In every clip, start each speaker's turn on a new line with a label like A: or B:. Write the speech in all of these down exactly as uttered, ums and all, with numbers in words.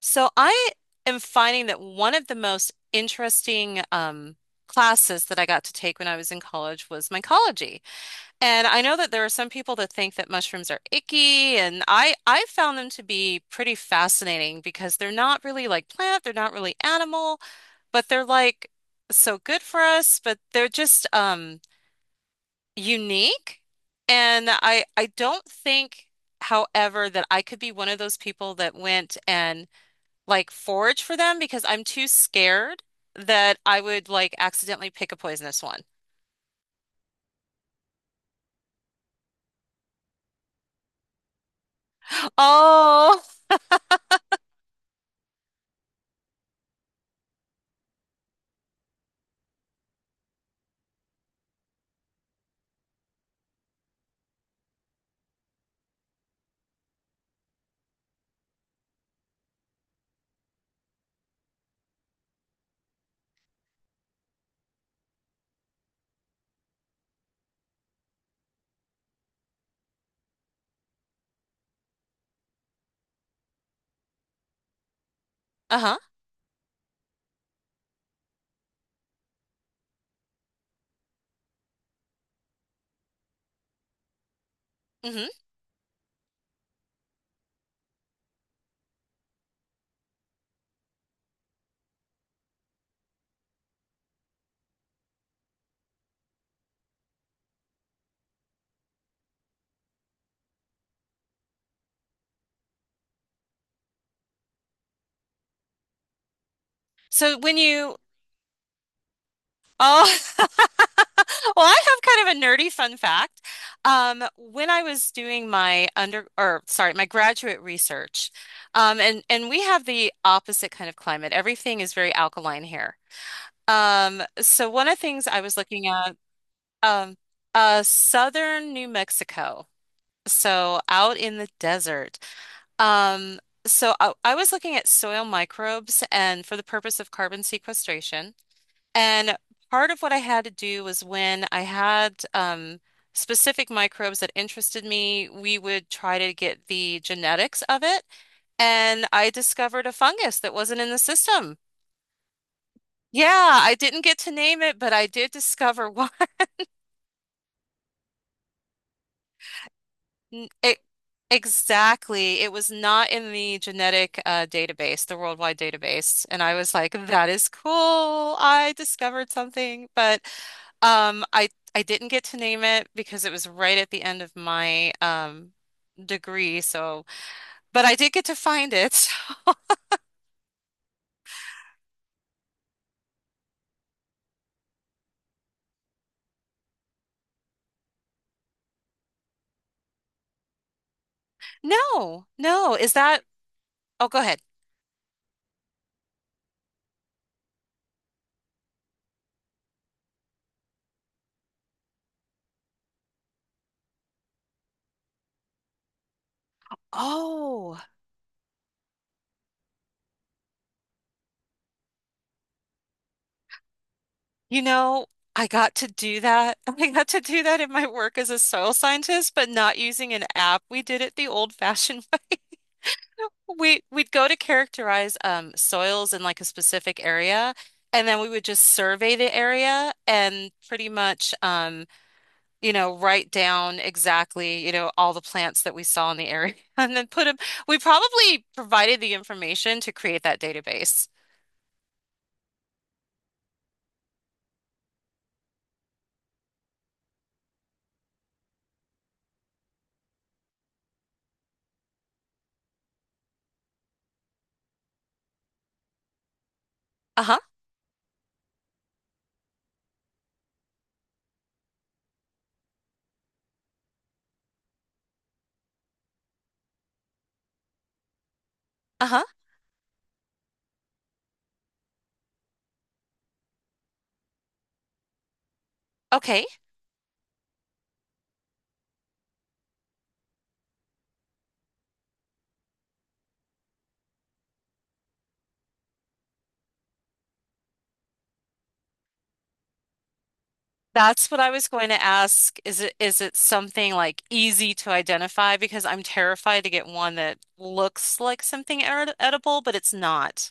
A: So I am finding that one of the most interesting um, classes that I got to take when I was in college was mycology. And I know that there are some people that think that mushrooms are icky, and I I found them to be pretty fascinating because they're not really like plant, they're not really animal, but they're like so good for us, but they're just um, unique. And I I don't think, however, that I could be one of those people that went and like forage for them because I'm too scared that I would like accidentally pick a poisonous one. Oh, uh-huh. Hmm. So when you oh, well, I have kind of a nerdy fun fact. Um, when I was doing my under, or sorry, my graduate research, um, and and we have the opposite kind of climate. Everything is very alkaline here. Um, so one of the things I was looking at, um, uh, southern New Mexico. So out in the desert. Um, so I, I was looking at soil microbes and for the purpose of carbon sequestration. And part of what I had to do was when I had um, specific microbes that interested me, we would try to get the genetics of it. And I discovered a fungus that wasn't in the system. Yeah, I didn't get to name it, but I did discover one. N- It, exactly. It was not in the genetic uh, database, the worldwide database. And I was like, that is cool. I discovered something. But um, I, I didn't get to name it because it was right at the end of my um, degree. So, but I did get to find it. No, no. Is that? Oh, go ahead. Oh. You know, I got to do that. I got to do that in my work as a soil scientist, but not using an app. We did it the old-fashioned way. We we'd go to characterize um, soils in like a specific area, and then we would just survey the area and pretty much um, you know, write down exactly, you know, all the plants that we saw in the area and then put them. We probably provided the information to create that database. Uh-huh. Uh-huh. Okay. That's what I was going to ask. Is it, is it something like easy to identify? Because I'm terrified to get one that looks like something ed edible, but it's not.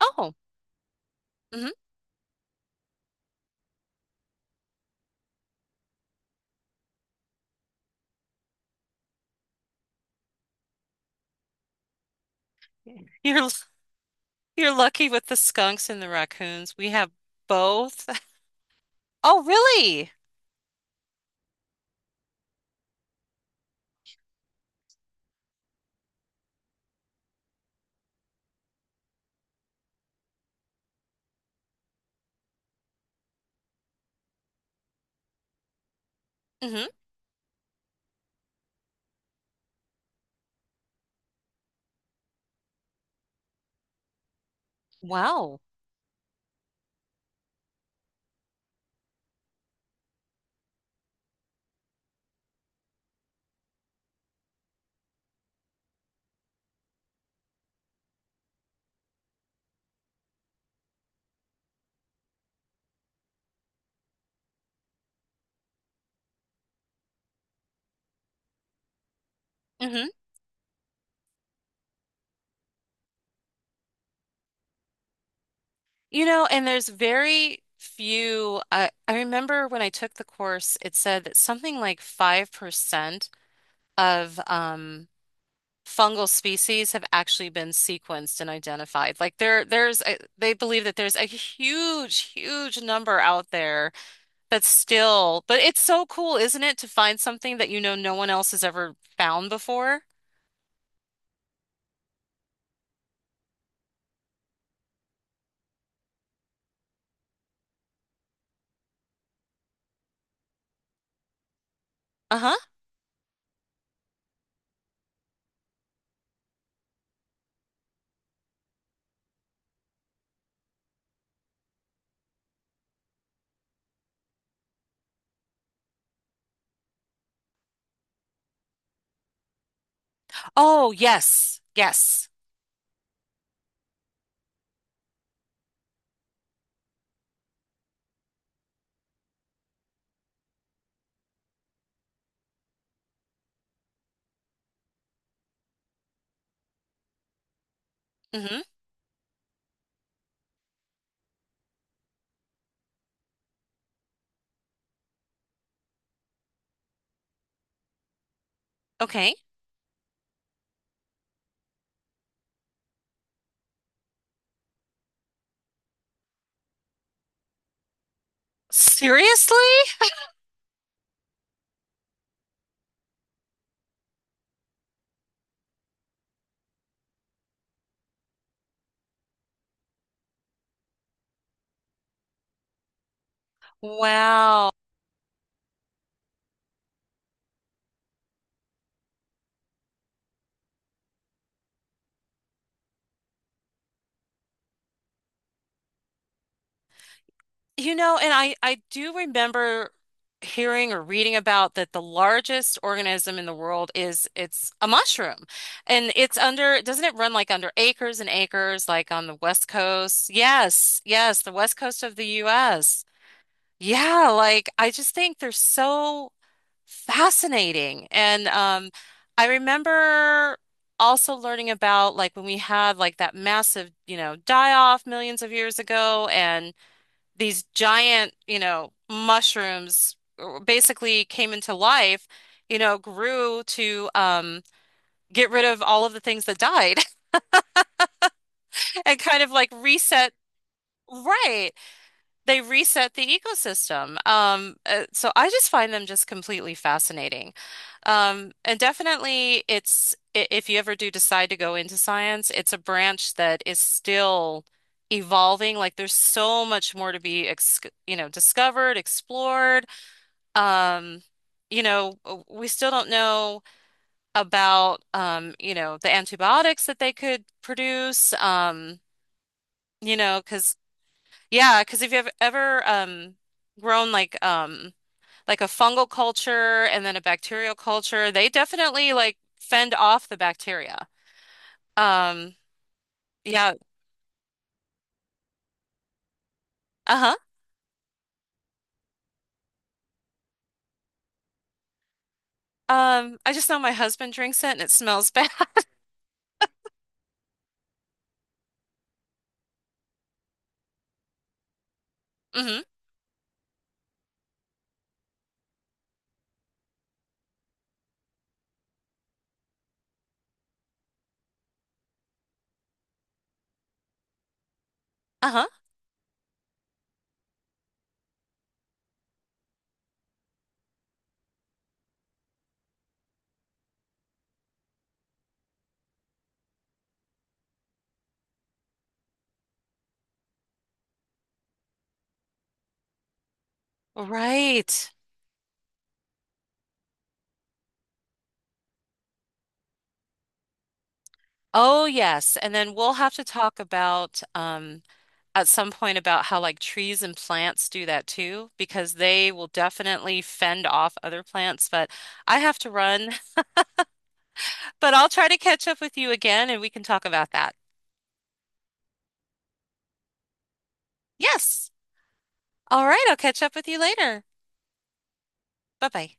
A: Oh, hmm. You're you're lucky with the skunks and the raccoons. We have both. Oh, really? Hmm. Wow. Hmm. You know, and there's very few. I I remember when I took the course, it said that something like five percent of um fungal species have actually been sequenced and identified. Like there, there's, a, they believe that there's a huge, huge number out there that's still, but it's so cool, isn't it, to find something that you know no one else has ever found before? Uh-huh. Oh, yes, yes. Mm-hmm. Okay. Seriously? Wow. You know, and I I do remember hearing or reading about that the largest organism in the world is it's a mushroom. And it's under, doesn't it run like under acres and acres like on the West Coast? Yes, yes, the West Coast of the U S. Yeah, like I just think they're so fascinating. And um I remember also learning about like when we had like that massive, you know, die off millions of years ago and these giant, you know, mushrooms uh, basically came into life, you know, grew to um, get rid of all of the things that died and kind of like reset. Right. They reset the ecosystem. Um, uh, so I just find them just completely fascinating. Um, and definitely it's, i- if you ever do decide to go into science, it's a branch that is still evolving. Like there's so much more to be, ex you know, discovered, explored. Um, you know, uh, we still don't know about um, you know, the antibiotics that they could produce. Um, you know, because yeah, because if you've ever um grown like um like a fungal culture and then a bacterial culture, they definitely like fend off the bacteria. Um, yeah, uh-huh. Um, I just know my husband drinks it and it smells bad. Hmm. Uh-huh. Right. Oh, yes. And then we'll have to talk about um at some point about how like trees and plants do that too, because they will definitely fend off other plants. But I have to run, but I'll try to catch up with you again and we can talk about that. Yes. All right. I'll catch up with you later. Bye bye.